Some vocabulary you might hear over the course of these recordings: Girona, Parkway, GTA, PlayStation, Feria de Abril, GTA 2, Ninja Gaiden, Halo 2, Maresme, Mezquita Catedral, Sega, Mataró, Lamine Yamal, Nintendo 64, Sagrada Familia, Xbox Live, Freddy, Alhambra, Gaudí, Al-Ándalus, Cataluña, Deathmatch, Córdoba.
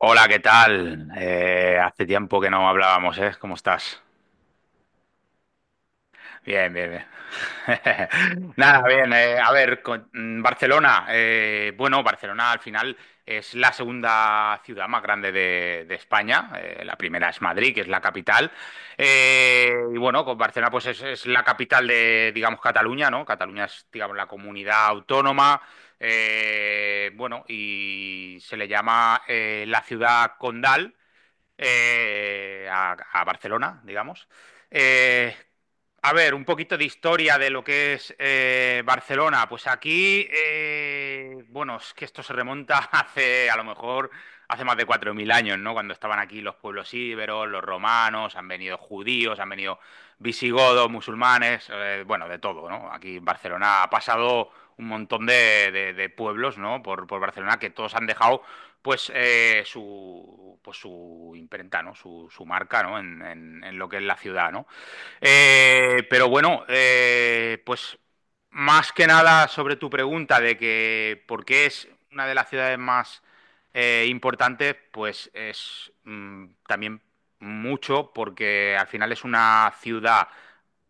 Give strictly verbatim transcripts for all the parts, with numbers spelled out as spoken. Hola, ¿qué tal? Eh, hace tiempo que no hablábamos, ¿eh? ¿Cómo estás? Bien, bien, bien. Nada, bien. Eh, a ver, con- mm, Barcelona. Eh, bueno, Barcelona al final es la segunda ciudad más grande de, de España. Eh, la primera es Madrid, que es la capital. Eh, y bueno, con Barcelona pues es, es la capital de, digamos, Cataluña, ¿no? Cataluña es, digamos, la comunidad autónoma. Eh, bueno, y se le llama eh, la ciudad condal eh, a, a Barcelona, digamos. Eh, a ver, un poquito de historia de lo que es eh, Barcelona. Pues aquí, eh, bueno, es que esto se remonta hace, a lo mejor, hace más de cuatro mil años, ¿no? Cuando estaban aquí los pueblos íberos, los romanos, han venido judíos, han venido visigodos, musulmanes, eh, bueno, de todo, ¿no? Aquí en Barcelona ha pasado un montón de, de- de pueblos, ¿no? Por, por Barcelona que todos han dejado pues eh, su, pues su imprenta, ¿no? Su, su marca, ¿no? En, en- en lo que es la ciudad, ¿no? Eh, pero bueno, eh, pues más que nada sobre tu pregunta de que por qué es una de las ciudades más eh, importantes, pues es mm, también mucho porque al final es una ciudad,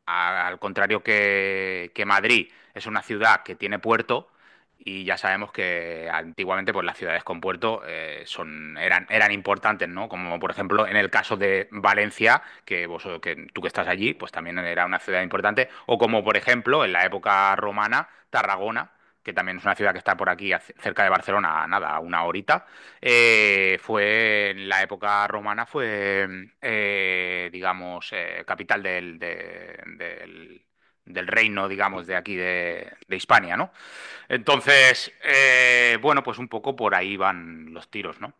a- al contrario que, que Madrid, es una ciudad que tiene puerto y ya sabemos que antiguamente pues, las ciudades con puerto eh, son, eran, eran importantes, ¿no? Como por ejemplo en el caso de Valencia, que, vos, que tú que estás allí, pues también era una ciudad importante. O como por ejemplo en la época romana, Tarragona, que también es una ciudad que está por aquí, ac- cerca de Barcelona, nada, a una horita. Eh, fue en la época romana, fue, eh, digamos, eh, capital del, de- del, del reino, digamos, de aquí de, de Hispania, ¿no? Entonces, eh, bueno, pues un poco por ahí van los tiros, ¿no?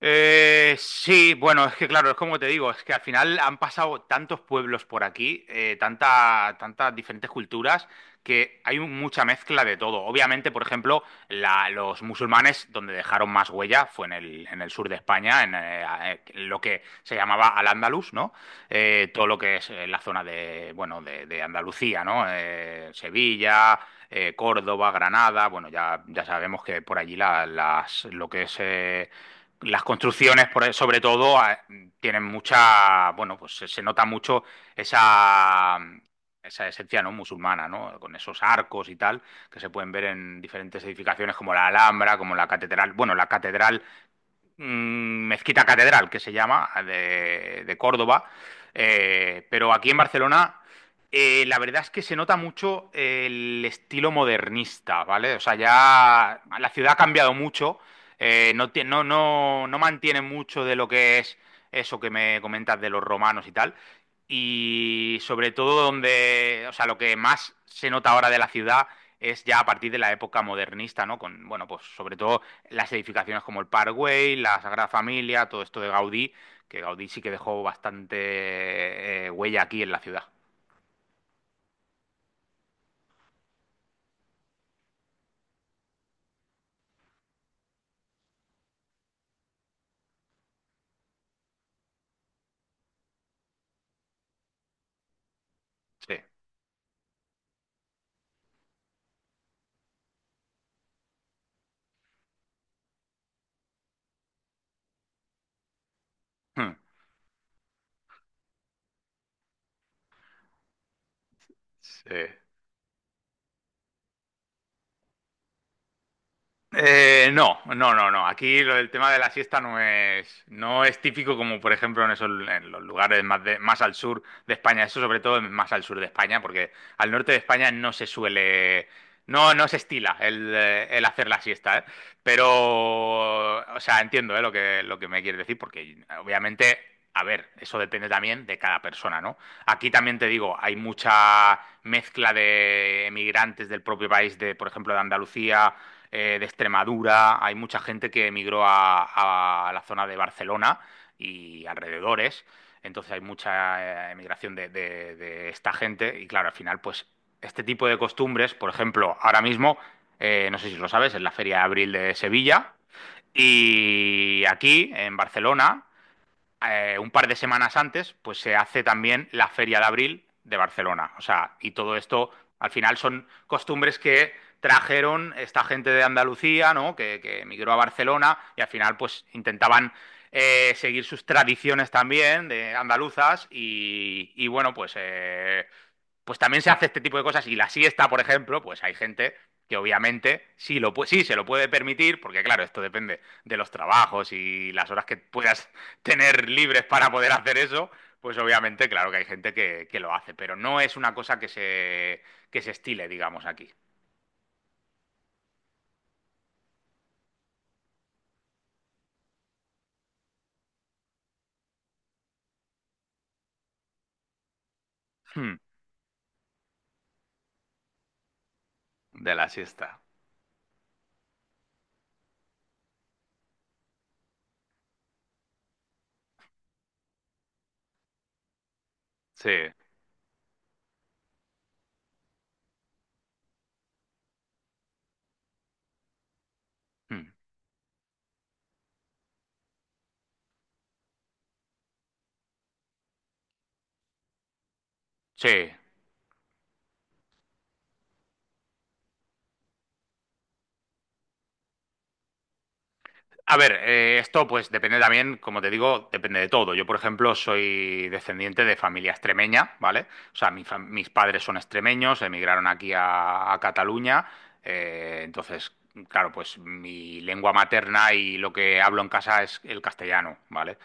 Eh, sí, bueno, es que claro, es como te digo, es que al final han pasado tantos pueblos por aquí, eh, tanta, tantas diferentes culturas, que hay un- mucha mezcla de todo. Obviamente, por ejemplo, la- los musulmanes, donde dejaron más huella, fue en el, en el sur de España, en, eh, a- eh, lo que se llamaba Al-Ándalus, ¿no? Eh, todo lo que es eh, la zona de, bueno, de, de Andalucía, ¿no? Eh, Sevilla, eh, Córdoba, Granada, bueno, ya, ya sabemos que por allí la- las, lo que es eh, las construcciones, por- e, sobre todo, a- tienen mucha, bueno, pues se, se nota mucho esa, esa esencia no musulmana, ¿no? Con esos arcos y tal, que se pueden ver en diferentes edificaciones como la Alhambra, como la catedral. Bueno, la catedral mm, Mezquita Catedral, que se llama, de, de Córdoba. Eh, pero aquí en Barcelona, eh, la verdad es que se nota mucho el estilo modernista, ¿vale? O sea, ya la ciudad ha cambiado mucho, eh, no, tie- no, no, no mantiene mucho de lo que es eso que me comentas de los romanos y tal. Y sobre todo donde, o sea, lo que más se nota ahora de la ciudad es ya a partir de la época modernista, ¿no? Con, bueno, pues sobre todo las edificaciones como el Parkway, la Sagrada Familia, todo esto de Gaudí, que Gaudí sí que dejó bastante eh, huella aquí en la ciudad. Sí. Hmm. Sí. Eh, no, no, no, no. Aquí lo del tema de la siesta no es, no es típico como por ejemplo en esos, en los lugares más, de- más al sur de España. Eso sobre todo en- más al sur de España, porque al norte de España no se suele, no, no se estila el, eh, el hacer la siesta, ¿eh? Pero, o sea, entiendo, ¿eh? lo que, lo que me quieres decir, porque obviamente, a ver, eso depende también de cada persona, ¿no? Aquí también te digo, hay mucha mezcla de emigrantes del propio país, de, por ejemplo, de Andalucía, eh, de Extremadura, hay mucha gente que emigró a, a la zona de Barcelona y alrededores, entonces hay mucha eh, emigración de, de- de esta gente y claro, al final pues este tipo de costumbres, por ejemplo, ahora mismo, eh, no sé si lo sabes, es la Feria de Abril de Sevilla y aquí en Barcelona eh, un par de semanas antes, pues se hace también la Feria de Abril de Barcelona. O sea, y todo esto al final son costumbres que trajeron esta gente de Andalucía, ¿no? Que, que emigró a Barcelona y al final pues intentaban eh, seguir sus tradiciones también de andaluzas y, y bueno, pues eh, pues también se hace este tipo de cosas. Y la siesta, por ejemplo, pues hay gente que obviamente sí, lo pu- sí se lo puede permitir, porque claro, esto depende de los trabajos y las horas que puedas tener libres para poder hacer eso, pues obviamente claro que hay gente que, que lo hace, pero no es una cosa que se, que se estile, digamos, aquí. Hmm. De la siesta. Sí. Hmm. Sí. A ver, eh, esto pues depende también, como te digo, depende de todo. Yo, por ejemplo, soy descendiente de familia extremeña, ¿vale? O sea, mi fa- mis padres son extremeños, emigraron aquí a, a Cataluña. Eh, entonces, claro, pues mi lengua materna y lo que hablo en casa es el castellano, ¿vale?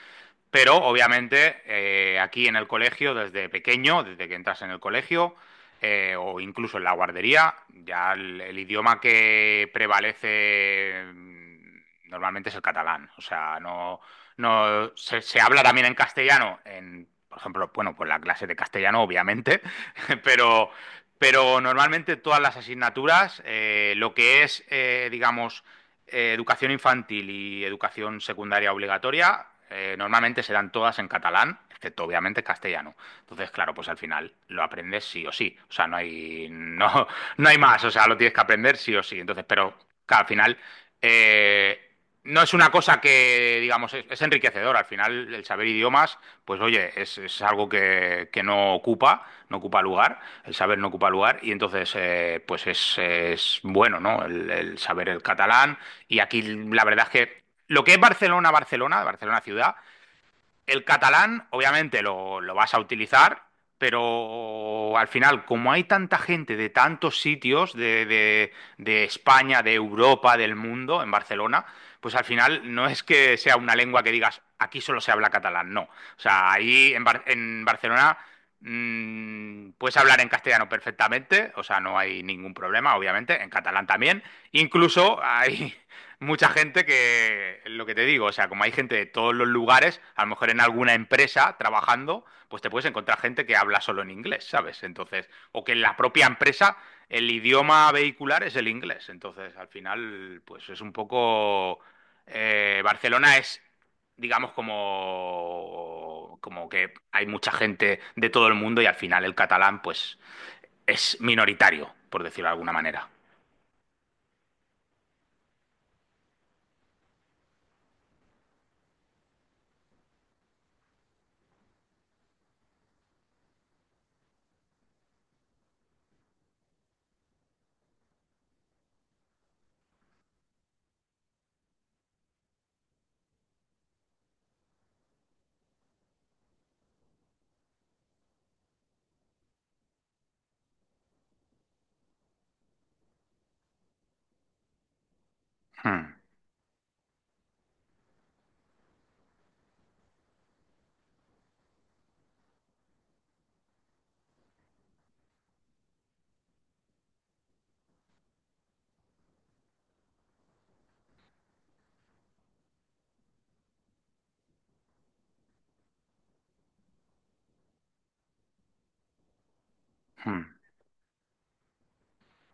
Pero obviamente eh, aquí en el colegio, desde pequeño, desde que entras en el colegio eh, o incluso en la guardería, ya el, el idioma que prevalece mm, normalmente es el catalán. O sea, no, no se, se habla también en castellano, en, por ejemplo, bueno, pues la clase de castellano, obviamente, pero, pero normalmente todas las asignaturas, eh, lo que es, eh, digamos, eh, educación infantil y educación secundaria obligatoria eh, normalmente se dan todas en catalán, excepto obviamente castellano. Entonces, claro, pues al final lo aprendes sí o sí. O sea, no hay, no, no hay más. O sea, lo tienes que aprender sí o sí. Entonces, pero claro, al final eh, no es una cosa que, digamos, es, es enriquecedor. Al final, el saber idiomas, pues oye, es, es algo que, que no ocupa, no ocupa lugar, el saber no ocupa lugar, y entonces, eh, pues es, es bueno, ¿no? El, el saber el catalán. Y aquí la verdad es que lo que es Barcelona, Barcelona, Barcelona ciudad, el catalán, obviamente, lo, lo vas a utilizar, pero al final, como hay tanta gente de tantos sitios, de, de- de España, de Europa, del mundo, en Barcelona, pues al final no es que sea una lengua que digas, aquí solo se habla catalán, no. O sea, ahí en, Bar- en Barcelona mm, puedes hablar en castellano perfectamente, o sea, no hay ningún problema, obviamente, en catalán también. Incluso hay mucha gente que, lo que te digo, o sea, como hay gente de todos los lugares, a lo mejor en alguna empresa trabajando, pues te puedes encontrar gente que habla solo en inglés, ¿sabes? Entonces, o que en la propia empresa el idioma vehicular es el inglés. Entonces, al final, pues es un poco... eh, Barcelona es, digamos, como, como que hay mucha gente de todo el mundo y al final el catalán, pues, es minoritario, por decirlo de alguna manera. Hmm, hmm.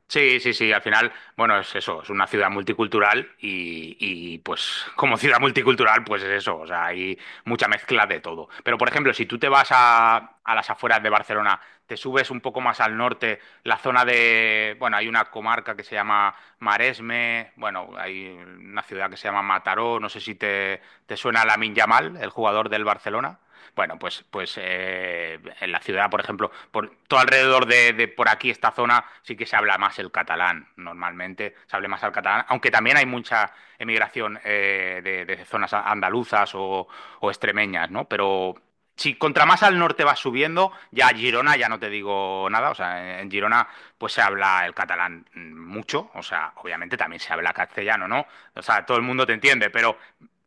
Sí, sí, sí, al final, bueno, es eso, es una ciudad multicultural y, y, pues como ciudad multicultural, pues es eso, o sea, hay mucha mezcla de todo. Pero por ejemplo, si tú te vas a, a las afueras de Barcelona, te subes un poco más al norte, la zona de, bueno, hay una comarca que se llama Maresme, bueno, hay una ciudad que se llama Mataró, no sé si te, te suena Lamine Yamal, el jugador del Barcelona. Bueno, pues, pues eh, en la ciudad, por ejemplo, por todo alrededor de, de por aquí, esta zona, sí que se habla más el catalán. Normalmente se habla más el catalán, aunque también hay mucha emigración eh, de, de zonas andaluzas o, o extremeñas, ¿no? Pero si contra más al norte vas subiendo, ya Girona, ya no te digo nada, o sea, en Girona pues se habla el catalán mm, mucho, o sea, obviamente también se habla castellano, ¿no? O sea, todo el mundo te entiende, pero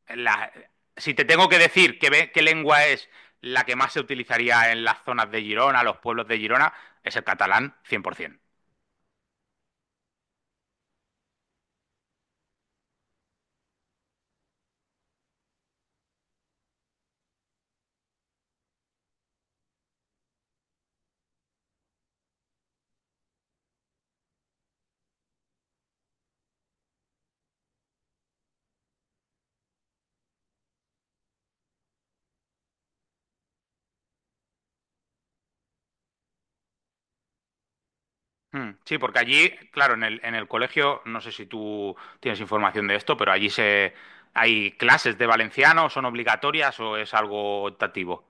la- si te tengo que decir qué, ve- qué lengua es la que más se utilizaría en las zonas de Girona, los pueblos de Girona, es el catalán cien por ciento. Hmm, sí, porque allí, claro, en el, en el colegio, no sé si tú tienes información de esto, pero allí se, hay clases de valenciano, son obligatorias o es algo optativo.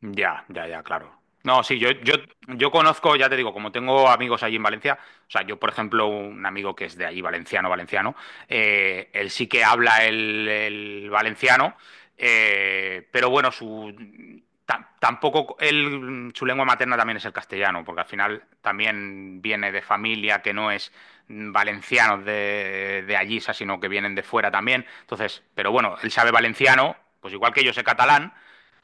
Ya, ya, ya, claro. No, sí, yo, yo, yo conozco, ya te digo, como tengo amigos allí en Valencia, o sea, yo, por ejemplo, un amigo que es de allí, valenciano, valenciano, eh, él sí que habla el, el valenciano, eh, pero bueno, su, ta- tampoco, él, su lengua materna también es el castellano, porque al final también viene de familia que no es mm, valencianos de, de allí, o sea, sino que vienen de fuera también. Entonces, pero bueno, él sabe valenciano, pues igual que yo sé catalán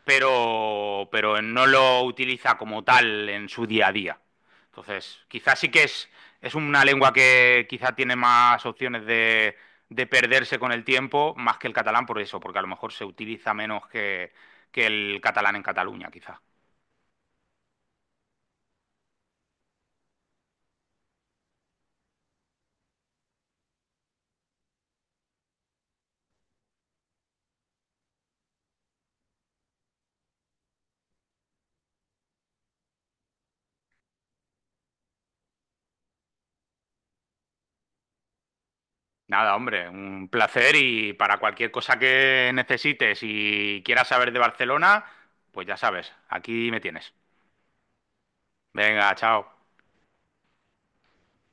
pero, pero no lo utiliza como tal en su día a día. Entonces, quizás sí que es, es una lengua que quizá tiene más opciones de, de perderse con el tiempo, más que el catalán por eso, porque a lo mejor se utiliza menos que, que el catalán en Cataluña, quizá. Nada, hombre, un placer y para cualquier cosa que necesites y quieras saber de Barcelona, pues ya sabes, aquí me tienes. Venga, chao.